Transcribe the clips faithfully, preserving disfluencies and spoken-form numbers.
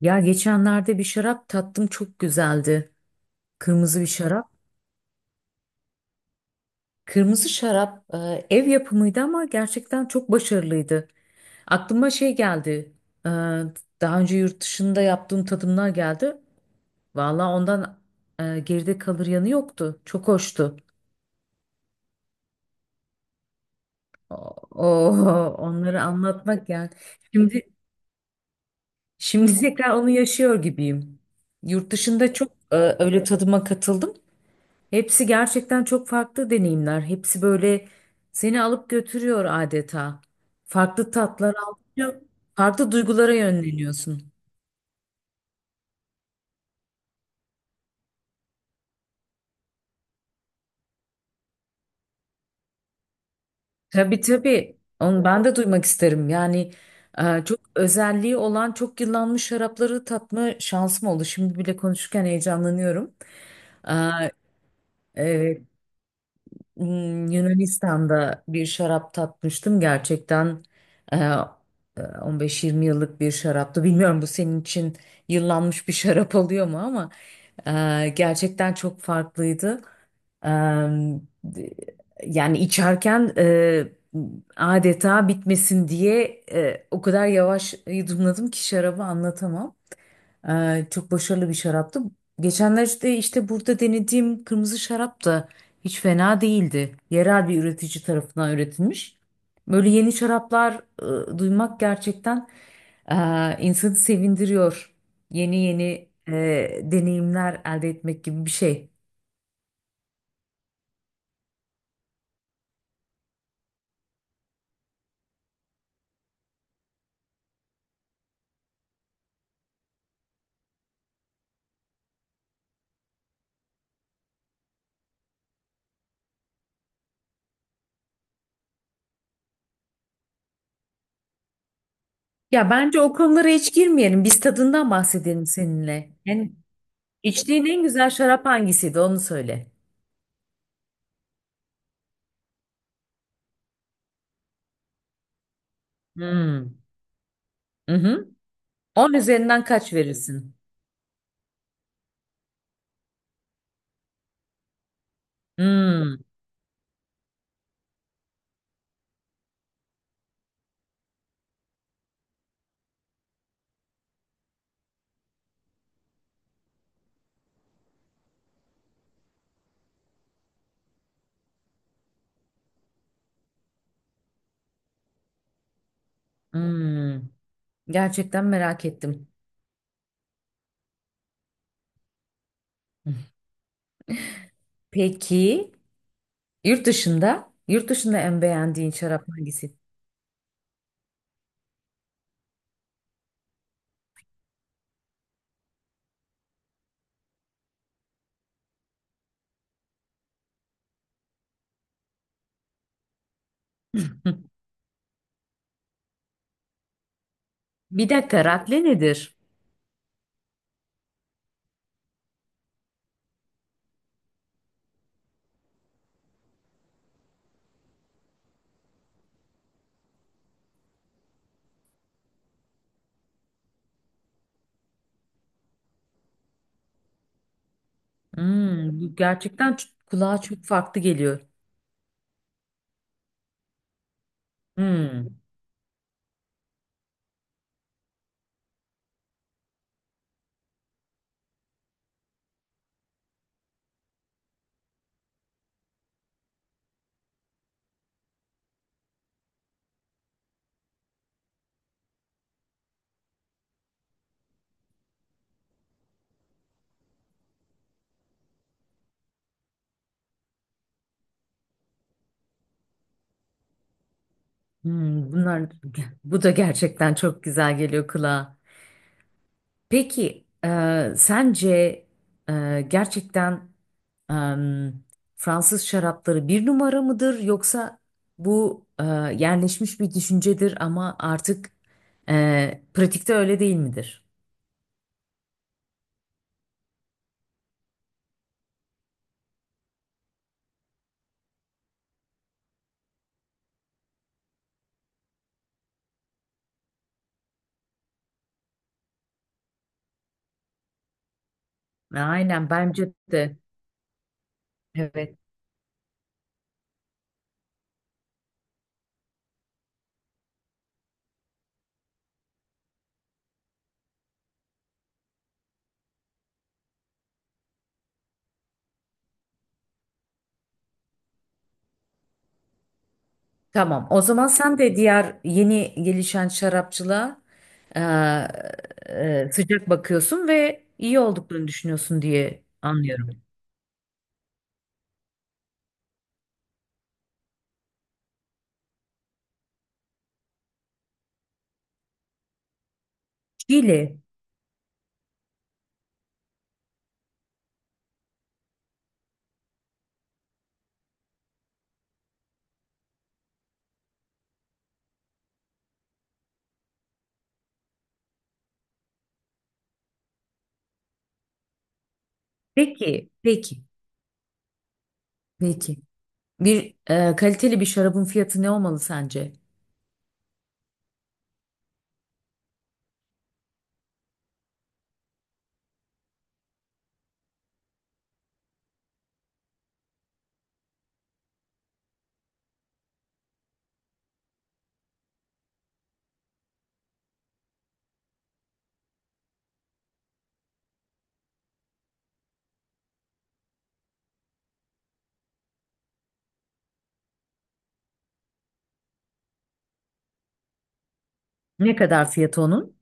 Ya geçenlerde bir şarap tattım çok güzeldi. Kırmızı bir şarap. Kırmızı şarap e, ev yapımıydı ama gerçekten çok başarılıydı. Aklıma şey geldi. e, Daha önce yurt dışında yaptığım tadımlar geldi. Valla ondan e, geride kalır yanı yoktu. Çok hoştu. O, Onları anlatmak yani. Şimdi Şimdi tekrar onu yaşıyor gibiyim. Yurt dışında çok e, öyle tadıma katıldım. Hepsi gerçekten çok farklı deneyimler. Hepsi böyle seni alıp götürüyor adeta. Farklı tatlar alıyor, farklı duygulara yönleniyorsun. Tabii tabii. Onu ben de duymak isterim. Yani e, çok özelliği olan çok yıllanmış şarapları tatma şansım oldu. Şimdi bile konuşurken heyecanlanıyorum. E, Evet. Hmm, Yunanistan'da bir şarap tatmıştım. Gerçekten e, e, on beş yirmi yıllık bir şaraptı. Bilmiyorum bu senin için yıllanmış bir şarap oluyor mu ama e, gerçekten çok farklıydı. E, Yani içerken e, adeta bitmesin diye e, o kadar yavaş yudumladım ki şarabı anlatamam. Ee, çok başarılı bir şaraptı. Geçenlerde işte işte burada denediğim kırmızı şarap da hiç fena değildi. Yerel bir üretici tarafından üretilmiş. Böyle yeni şaraplar e, duymak gerçekten e, insanı sevindiriyor. Yeni yeni e, deneyimler elde etmek gibi bir şey. Ya bence o konulara hiç girmeyelim. Biz tadından bahsedelim seninle. Yani içtiğin en güzel şarap hangisiydi onu söyle. Hmm. Hı hı. On üzerinden kaç verirsin? Hmm. Hmm, gerçekten merak ettim. Peki yurt dışında? Yurt dışında en beğendiğin şarap hangisi? Bir dakika rakle nedir? Hmm, bu gerçekten ç- kulağa çok farklı geliyor. Hmm, hmm, bunlar bu da gerçekten çok güzel geliyor kulağa. Peki e, sence e, gerçekten em, Fransız şarapları bir numara mıdır yoksa bu e, yerleşmiş bir düşüncedir ama artık e, pratikte öyle değil midir? Aynen bence de. Evet. Tamam. O zaman sen de diğer yeni gelişen şarapçılığa e, e, sıcak bakıyorsun ve iyi olduklarını düşünüyorsun diye anlıyorum. Şili. Peki, peki, peki. Bir e, kaliteli bir şarabın fiyatı ne olmalı sence? Ne kadar fiyatı onun?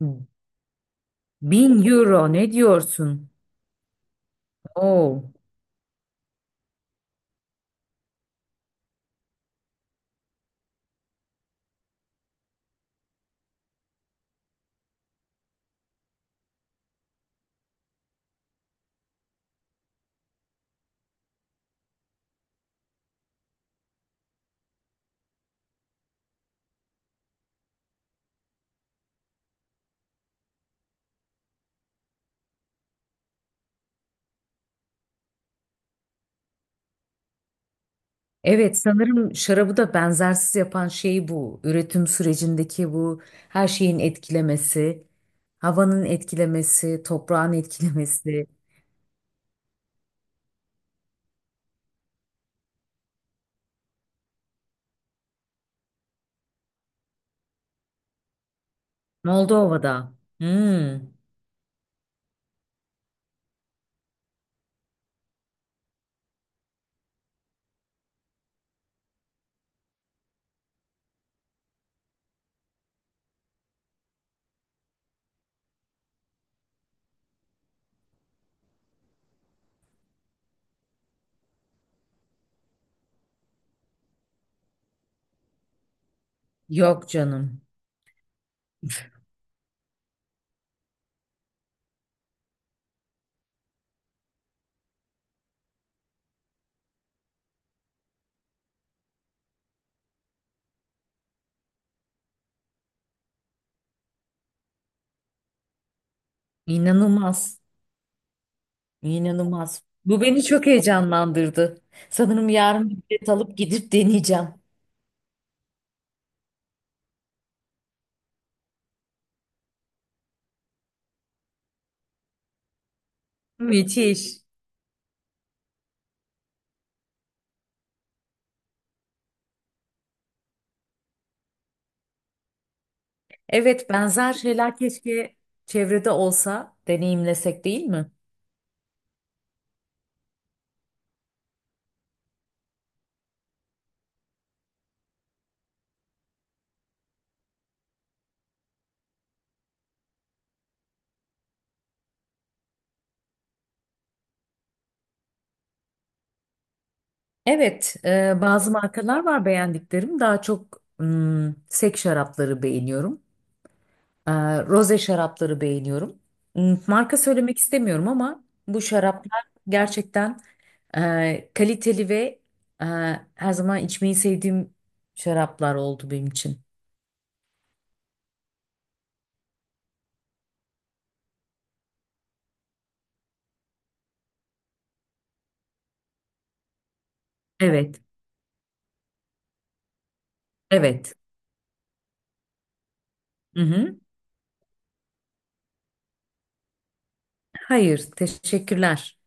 Bin euro ne diyorsun? Oo. Evet sanırım şarabı da benzersiz yapan şey bu. Üretim sürecindeki bu her şeyin etkilemesi, havanın etkilemesi, toprağın etkilemesi. Moldova'da. Hmm. Yok canım. İnanılmaz. İnanılmaz. Bu beni çok heyecanlandırdı. Sanırım yarın bir bilet alıp gidip deneyeceğim. Müthiş. Evet, benzer şeyler keşke çevrede olsa, deneyimlesek değil mi? Evet, e, bazı markalar var beğendiklerim. Daha çok hmm, sek şarapları beğeniyorum. E, Roze şarapları beğeniyorum. Hmm, marka söylemek istemiyorum ama bu şaraplar gerçekten e, kaliteli ve e, her zaman içmeyi sevdiğim şaraplar oldu benim için. Evet, evet. Hı hı. Hayır, teşekkürler.